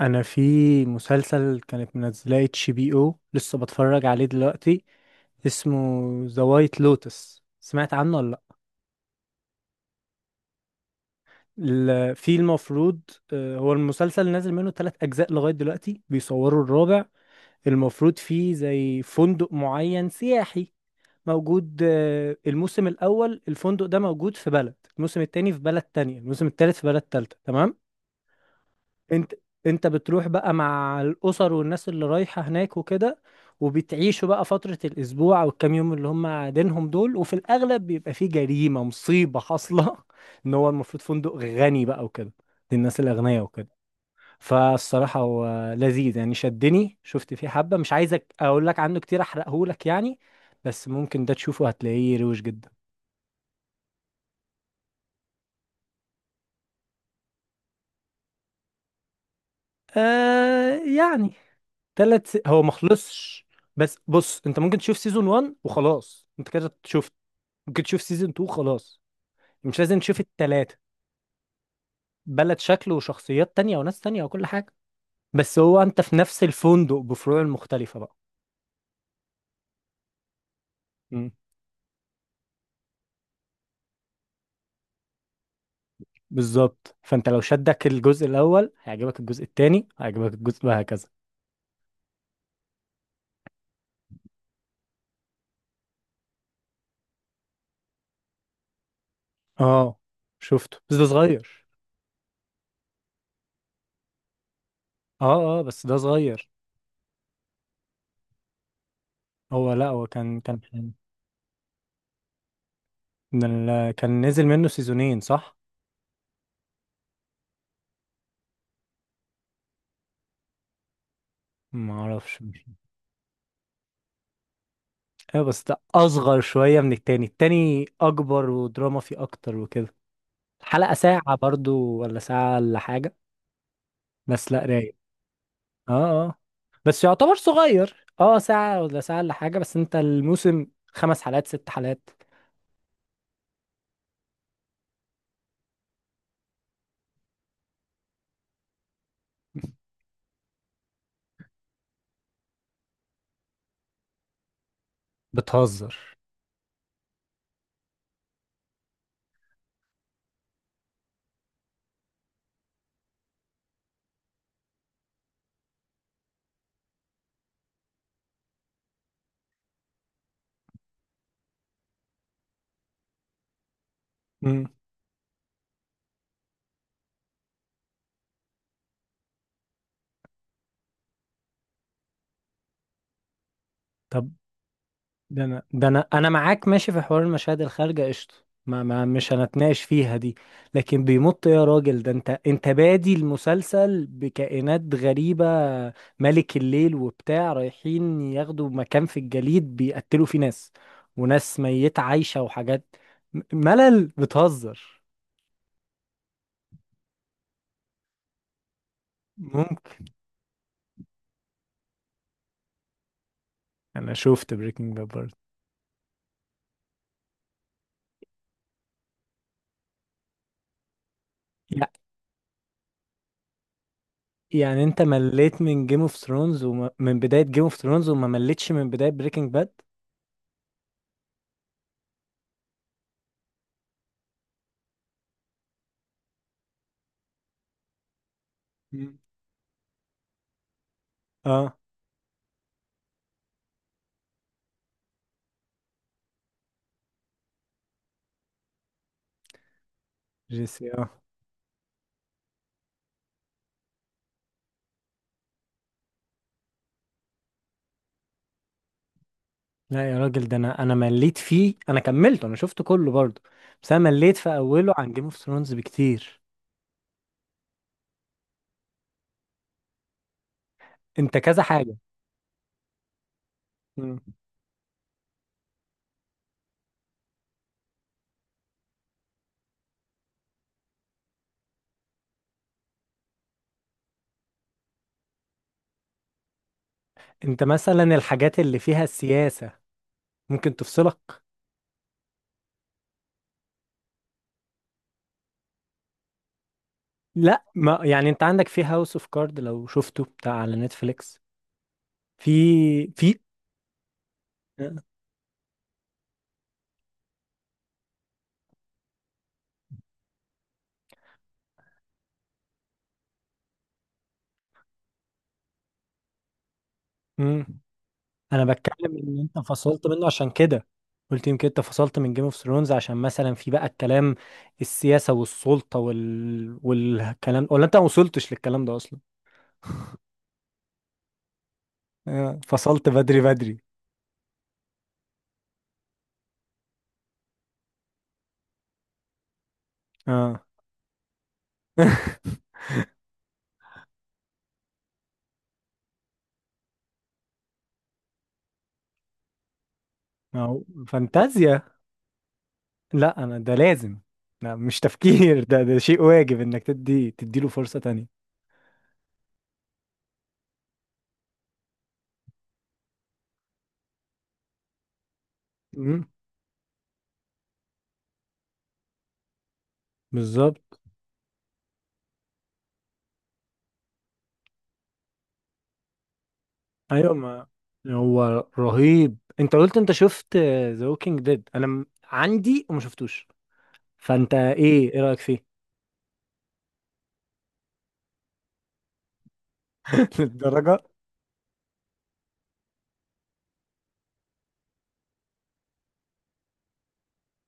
انا في مسلسل كانت منزلاه اتش بي او لسه بتفرج عليه دلوقتي. اسمه ذا وايت لوتس، سمعت عنه ولا لا؟ في المفروض، هو المسلسل نازل منه ثلاث اجزاء لغايه دلوقتي، بيصوروا الرابع. المفروض فيه زي فندق معين سياحي موجود. الموسم الاول الفندق ده موجود في بلد، الموسم التاني في بلد تانية، الموسم التالت في بلد تالتة، تمام؟ انت انت بتروح بقى مع الاسر والناس اللي رايحة هناك وكده، وبتعيشوا بقى فترة الأسبوع أو الكام يوم اللي هم قاعدينهم دول، وفي الأغلب بيبقى فيه جريمة مصيبة حاصلة إن هو المفروض فندق غني بقى وكده، للناس الأغنياء وكده. فالصراحة هو لذيذ يعني، شدني، شفت فيه حبة. مش عايزك أقول لك عنه كتير، أحرقهولك يعني. بس ممكن ده تشوفه هتلاقيه روش جدا. آه يعني. هو ما خلصش. بس بص، انت ممكن تشوف سيزون 1 وخلاص، انت كده شفت. ممكن تشوف سيزون 2 خلاص، مش لازم تشوف التلاتة. بلد شكل وشخصيات تانية وناس تانية وكل حاجة، بس هو انت في نفس الفندق بفروع مختلفة بقى. مم. بالظبط، فانت لو شدك الجزء الاول هيعجبك الجزء التاني، هيعجبك الجزء وهكذا. اه، شفته بس ده صغير. اه اه، بس ده صغير. هو لا، هو كان. كان نزل منه سيزونين صح. ما اعرفش، مش. ايوه بس ده اصغر شويه من التاني، التاني اكبر ودراما فيه اكتر وكده. الحلقه ساعه برضو ولا ساعه ولا حاجه؟ بس لا، رايق. اه اه. بس يعتبر صغير، اه، ساعه ولا ساعه ولا حاجه، بس انت الموسم خمس حلقات ست حلقات. بتهزر. امم. طب ده انا ده انا انا معاك ماشي في حوار المشاهد الخارجه قشطه، ما مش هنتناقش فيها دي. لكن بيمط يا راجل! ده انت بادي المسلسل بكائنات غريبه، ملك الليل وبتاع، رايحين ياخدوا مكان في الجليد بيقتلوا فيه ناس، وناس ميته عايشه وحاجات. ملل، بتهزر. ممكن. انا شفت بريكنج باد برضه. يع- يعني انت مليت من جيم اوف ثرونز ومن بدايه جيم اوف ثرونز، وما مليتش من بدايه بريكنج باد؟ اه، جي سي، اه. لا يا راجل، ده انا مليت فيه، انا كملته، انا شفته كله برضه. بس انا مليت في اوله عن جيم اوف ثرونز بكتير. انت كذا حاجه. مم. انت مثلا الحاجات اللي فيها السياسه ممكن تفصلك. لا، ما يعني انت عندك في هاوس اوف كارد، لو شفته بتاع على نتفليكس، في، في. مم. انا بتكلم ان انت فصلت منه عشان كده. قلت يمكن انت فصلت من جيم اوف ثرونز عشان مثلا في بقى الكلام السياسة والسلطة والكلام، ولا انت ما وصلتش للكلام ده اصلا؟ فصلت بدري بدري. اه. ما هو فانتازيا. لا انا ده لازم. لا مش تفكير ده شيء واجب انك تديله فرصة تانية. امم. بالظبط. ايوه. ما هو رهيب. انت قلت انت شفت ذا ووكينج ديد، انا عندي وما شفتوش، فانت ايه رايك فيه؟ للدرجة.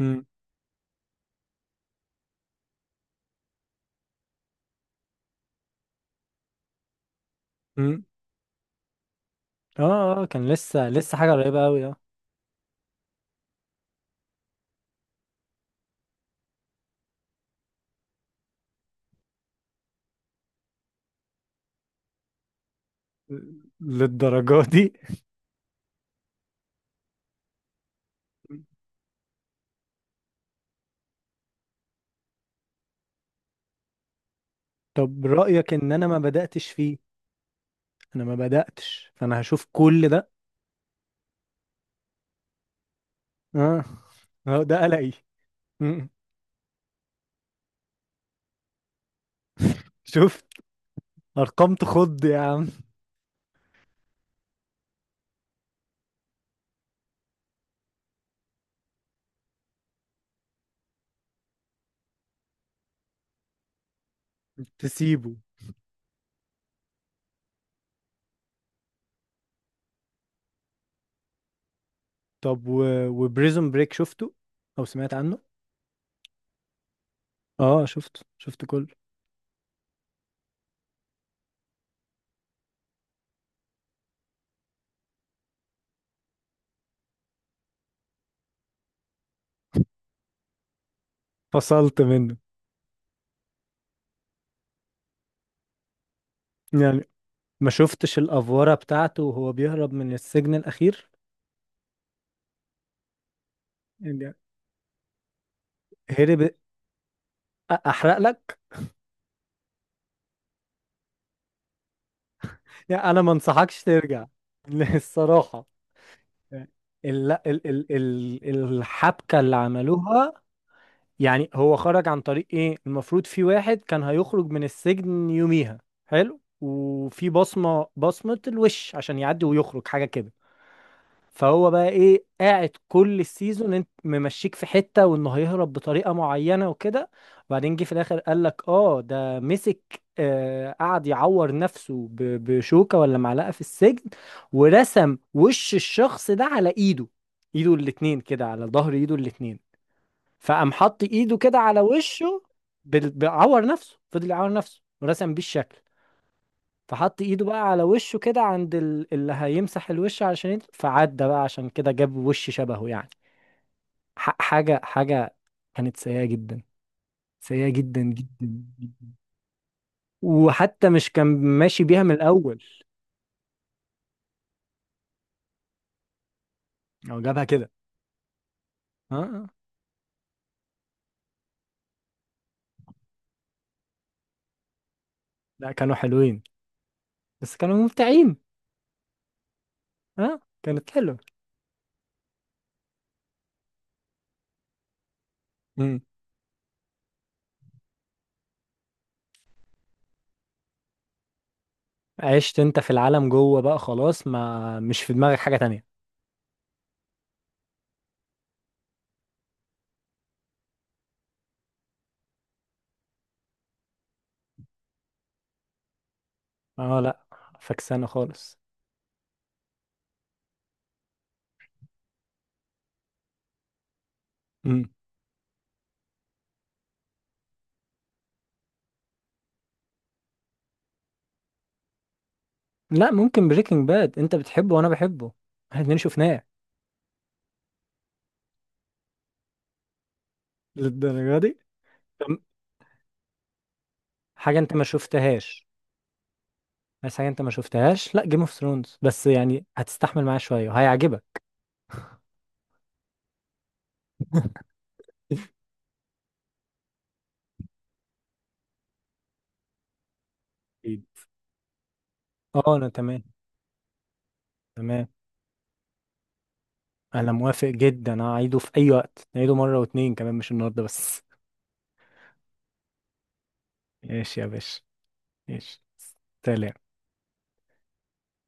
امم. امم. اه اه، كان لسه لسه حاجه قريبه قوي، اه. للدرجة دي. طب رايك ان انا ما بداتش فيه؟ انا ما بداتش، فانا هشوف كل ده. اه اه، ده قلقي. امم. شفت. ارقام تخض يا عم. تسيبه. طب وبريزون بريك شفته او سمعت عنه؟ اه شفته، شفته كله. فصلت منه. يعني ما شفتش الافوره بتاعته وهو بيهرب من السجن الاخير؟ هرب؟ احرق لك. يعني انا ما انصحكش ترجع. الصراحه. ال... ال... ال... ال... الحبكه اللي عملوها. يعني هو خرج عن طريق ايه؟ المفروض في واحد كان هيخرج من السجن يوميها، حلو، وفي بصمه الوش عشان يعدي ويخرج، حاجه كده. فهو بقى ايه، قاعد كل السيزون انت ممشيك في حتة وانه هيهرب بطريقة معينة وكده، وبعدين جه في الاخر قال لك اه ده مسك، آه، قعد يعور نفسه بشوكة ولا معلقة في السجن، ورسم وش الشخص ده على ايده، ايده الاتنين كده، على ظهر ايده الاتنين، فقام حط ايده كده على وشه. بيعور نفسه، فضل يعور نفسه ورسم بيه الشكل، فحط ايده بقى على وشه كده عند اللي هيمسح الوش علشان فعدى بقى، عشان كده جاب وش شبهه يعني. حاجة كانت سيئة جدا، سيئة جدا جدا جدا. وحتى مش كان ماشي بيها من الأول، هو جابها كده. اه آه. لا، كانوا حلوين، بس كانوا ممتعين. اه كانت حلوة. مم. عشت انت في العالم جوه بقى خلاص، ما مش في دماغك حاجة تانية. اه لا، فكسانة خالص. مم. لا ممكن بريكنج باد، انت بتحبه وانا بحبه، احنا الاتنين شفناه. للدرجة دي. طب حاجة انت ما شفتهاش، بس حاجة انت ما شفتهاش لا جيم اوف ثرونز، بس يعني هتستحمل معايا شوية وهيعجبك. أكيد. اه انا تمام. تمام، انا موافق جدا، هعيده في اي وقت، نعيده مرة واتنين كمان، مش النهاردة بس. ماشي يا باشا. ماشي. سلام.